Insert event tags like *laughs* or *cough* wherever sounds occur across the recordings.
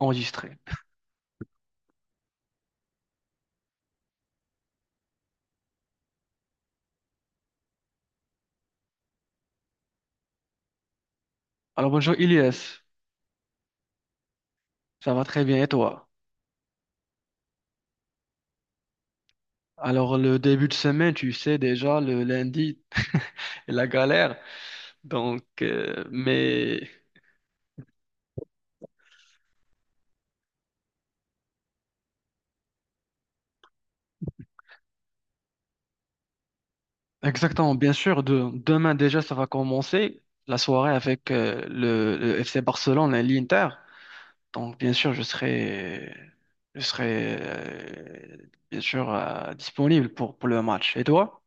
Enregistré. Alors bonjour Ilyes, ça va très bien et toi? Alors le début de semaine, tu sais déjà, le lundi, la galère. Donc, euh, mais exactement, bien sûr, demain déjà, ça va commencer la soirée avec le FC Barcelone et l'Inter. Donc bien sûr, je serai bien sûr disponible pour le match. Et toi?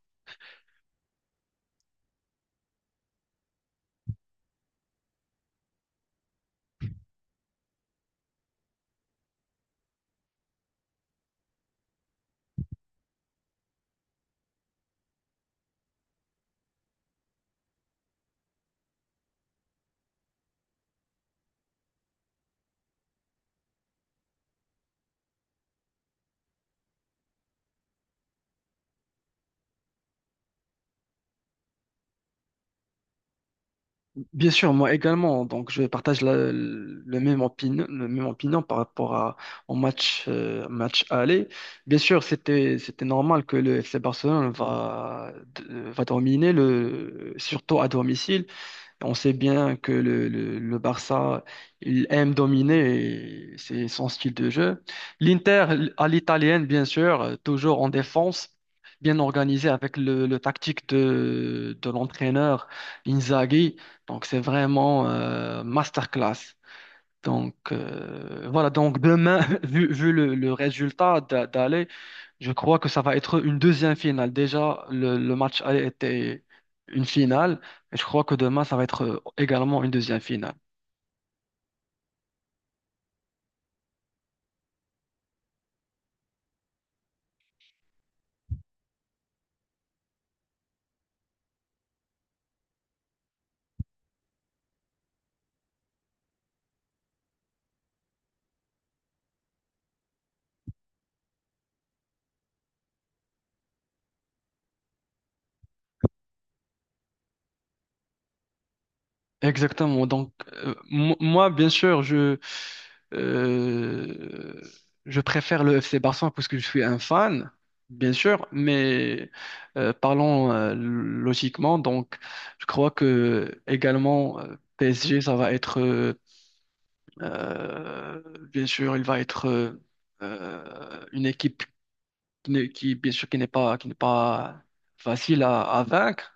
Bien sûr, moi également. Donc, je partage le même opinion par rapport au match, match aller. Bien sûr, c'était normal que le FC Barcelone va dominer, le, surtout à domicile. On sait bien que le Barça, il aime dominer, et c'est son style de jeu. L'Inter, à l'italienne, bien sûr, toujours en défense, bien organisé avec le tactique de l'entraîneur Inzaghi. Donc, c'est vraiment masterclass. Donc, voilà. Donc, demain, *laughs* vu le résultat d'aller, je crois que ça va être une deuxième finale. Déjà, le match aller était une finale. Et je crois que demain, ça va être également une deuxième finale. Exactement. Donc, moi, bien sûr, euh, je préfère le FC Barcelone parce que je suis un fan, bien sûr, mais parlons logiquement. Donc, je crois que également PSG, ça va être, euh, bien sûr, il va être une équipe qui, bien sûr, qui n'est pas facile à vaincre.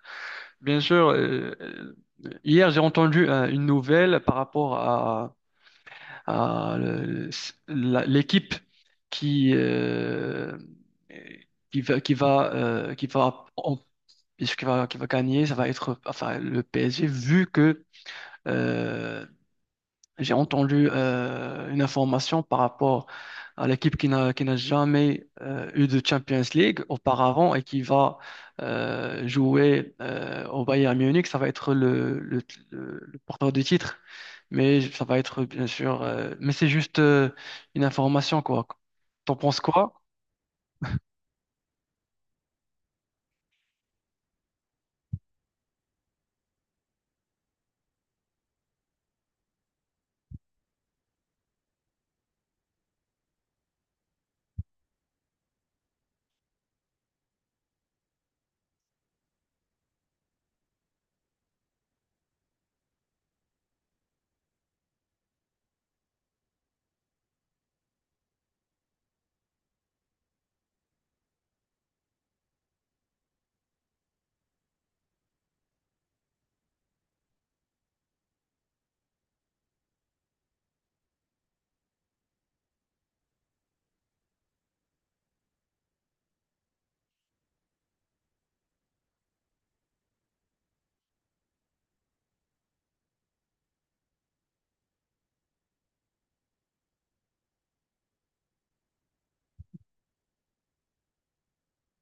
Bien sûr, hier j'ai entendu une nouvelle par rapport à l'équipe qui, euh, qui va, qui va, qui va, en- qui va gagner, ça va être enfin, le PSG, vu que euh, j'ai entendu une information par rapport à l'équipe qui n'a jamais eu de Champions League auparavant et qui va jouer au Bayern Munich. Ça va être le porteur du titre, mais ça va être bien sûr. Mais c'est juste une information quoi. T'en penses quoi?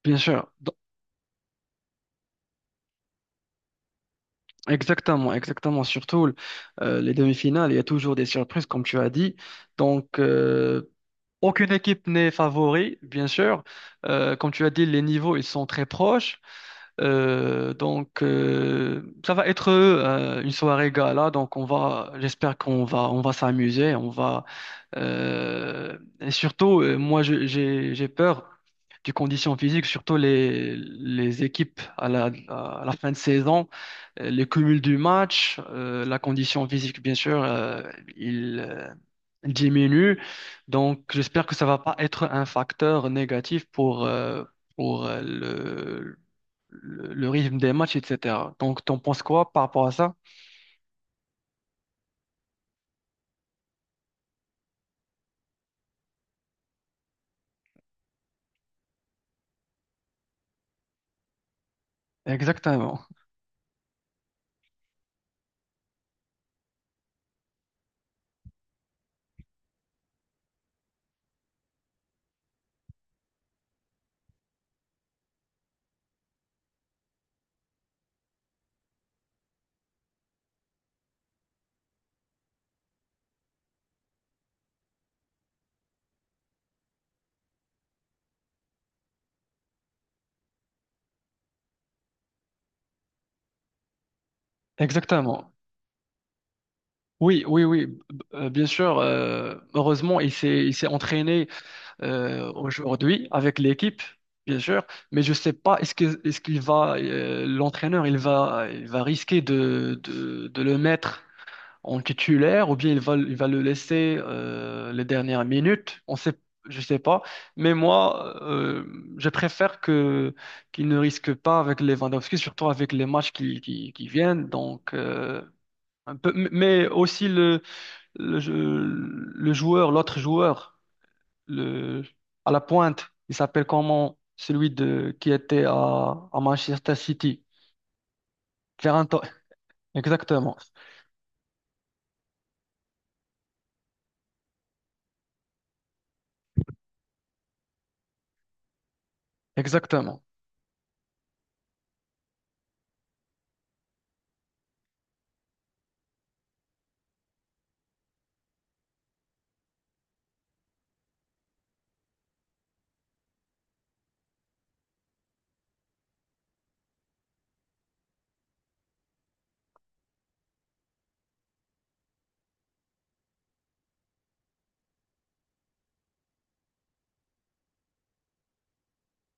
Bien sûr, Dans- Exactement, exactement. Surtout les demi-finales, il y a toujours des surprises, comme tu as dit. Donc, aucune équipe n'est favori, bien sûr. Comme tu as dit, les niveaux, ils sont très proches. Donc, ça va être une soirée gala. Donc, j'espère qu'on on va s'amuser. Et surtout, moi, j'ai peur du condition physique, surtout les équipes à la fin de saison, le cumul du match, la condition physique, bien sûr, il, euh, diminue. Donc, j'espère que ça va pas être un facteur négatif pour le rythme des matchs, etc. Donc, t'en penses quoi par rapport à ça? Exactement. Exactement. Oui, oui, oui, b- Bien sûr. Heureusement, il s'est entraîné aujourd'hui avec l'équipe, bien sûr, mais je sais pas est-ce qu'il va l'entraîneur il va risquer de le mettre en titulaire ou bien il va le laisser les dernières minutes. On sait Je sais pas, mais moi je préfère que qu'il ne risque pas avec Lewandowski, surtout avec les matchs qui viennent donc un peu mais aussi le, le joueur l'autre joueur le, à la pointe, il s'appelle comment celui qui était à Manchester City. Faire un Exactement. Exactement.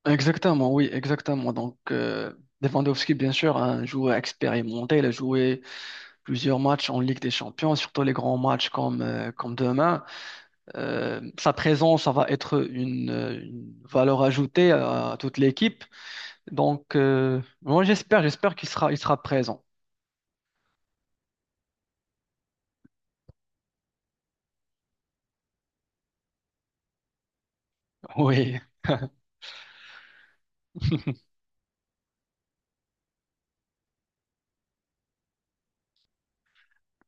Exactement, oui, exactement. Donc, Lewandowski, bien sûr, un joueur expérimenté, il a joué plusieurs matchs en Ligue des Champions, surtout les grands matchs comme, comme demain. Sa présence, ça va être une valeur ajoutée à toute l'équipe. Donc, j'espère, j'espère qu'il sera, il sera présent. Oui. *laughs*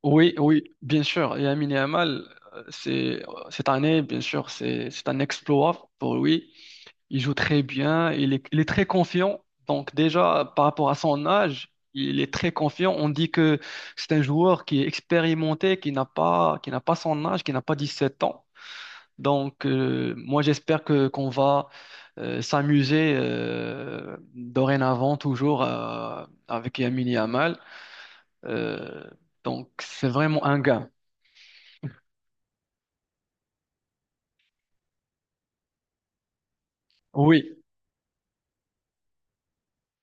Oui, oui, bien sûr. Et Lamine Yamal, c'est cette année, bien sûr, c'est un exploit pour lui. Il joue très bien, il est très confiant. Donc déjà, par rapport à son âge, il est très confiant. On dit que c'est un joueur qui est expérimenté, qui n'a pas son âge, qui n'a pas 17 ans. Donc moi, j'espère que qu'on va s'amuser dorénavant toujours avec Lamine Yamal. Euh, donc c'est vraiment un gain. Oui,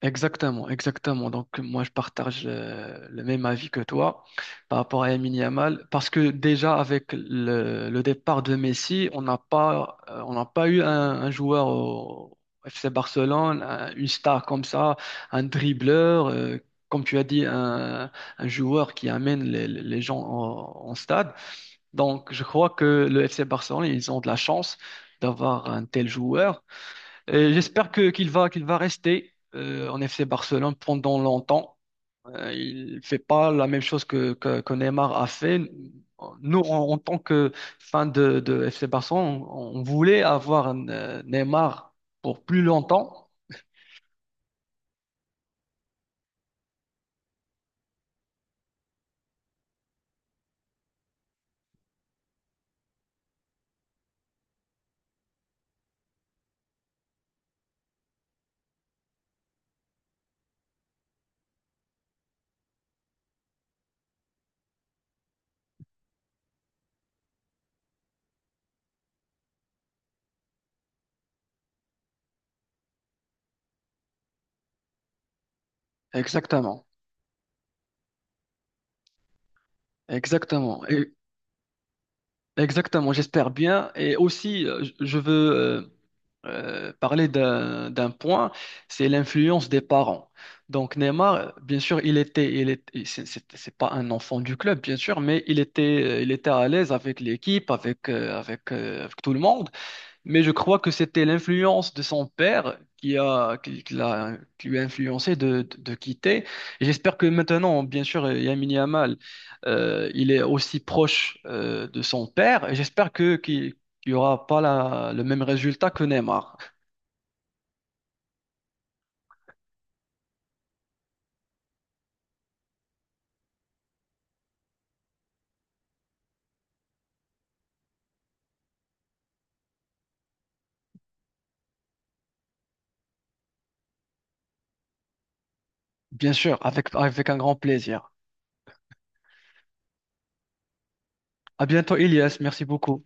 exactement, exactement. Donc moi je partage le même avis que toi par rapport à Lamine Yamal, parce que déjà avec le départ de Messi, on n'a pas eu un joueur au FC Barcelone, une star comme ça, un dribbleur, comme tu as dit, un joueur qui amène les gens en stade. Donc je crois que le FC Barcelone, ils ont de la chance d'avoir un tel joueur. Et j'espère que qu'il va rester en FC Barcelone pendant longtemps. Il fait pas la même chose que Neymar a fait. Nous, en tant que fans de FC Barcelone, on voulait avoir Neymar pour plus longtemps. Exactement, exactement, Et- Exactement. J'espère bien. Et aussi, je veux euh, parler d'un point, c'est l'influence des parents. Donc Neymar, bien sûr, il était, il est, il- c'est pas un enfant du club, bien sûr, mais il était à l'aise avec l'équipe, avec, avec tout le monde. Mais je crois que c'était l'influence de son père qui l'a, qui lui a influencé de quitter. Et j'espère que maintenant, bien sûr, Lamine Yamal, il est aussi proche de son père. Et j'espère que qu'il y aura pas le même résultat que Neymar. Bien sûr, avec, avec un grand plaisir. À bientôt, Elias. Merci beaucoup.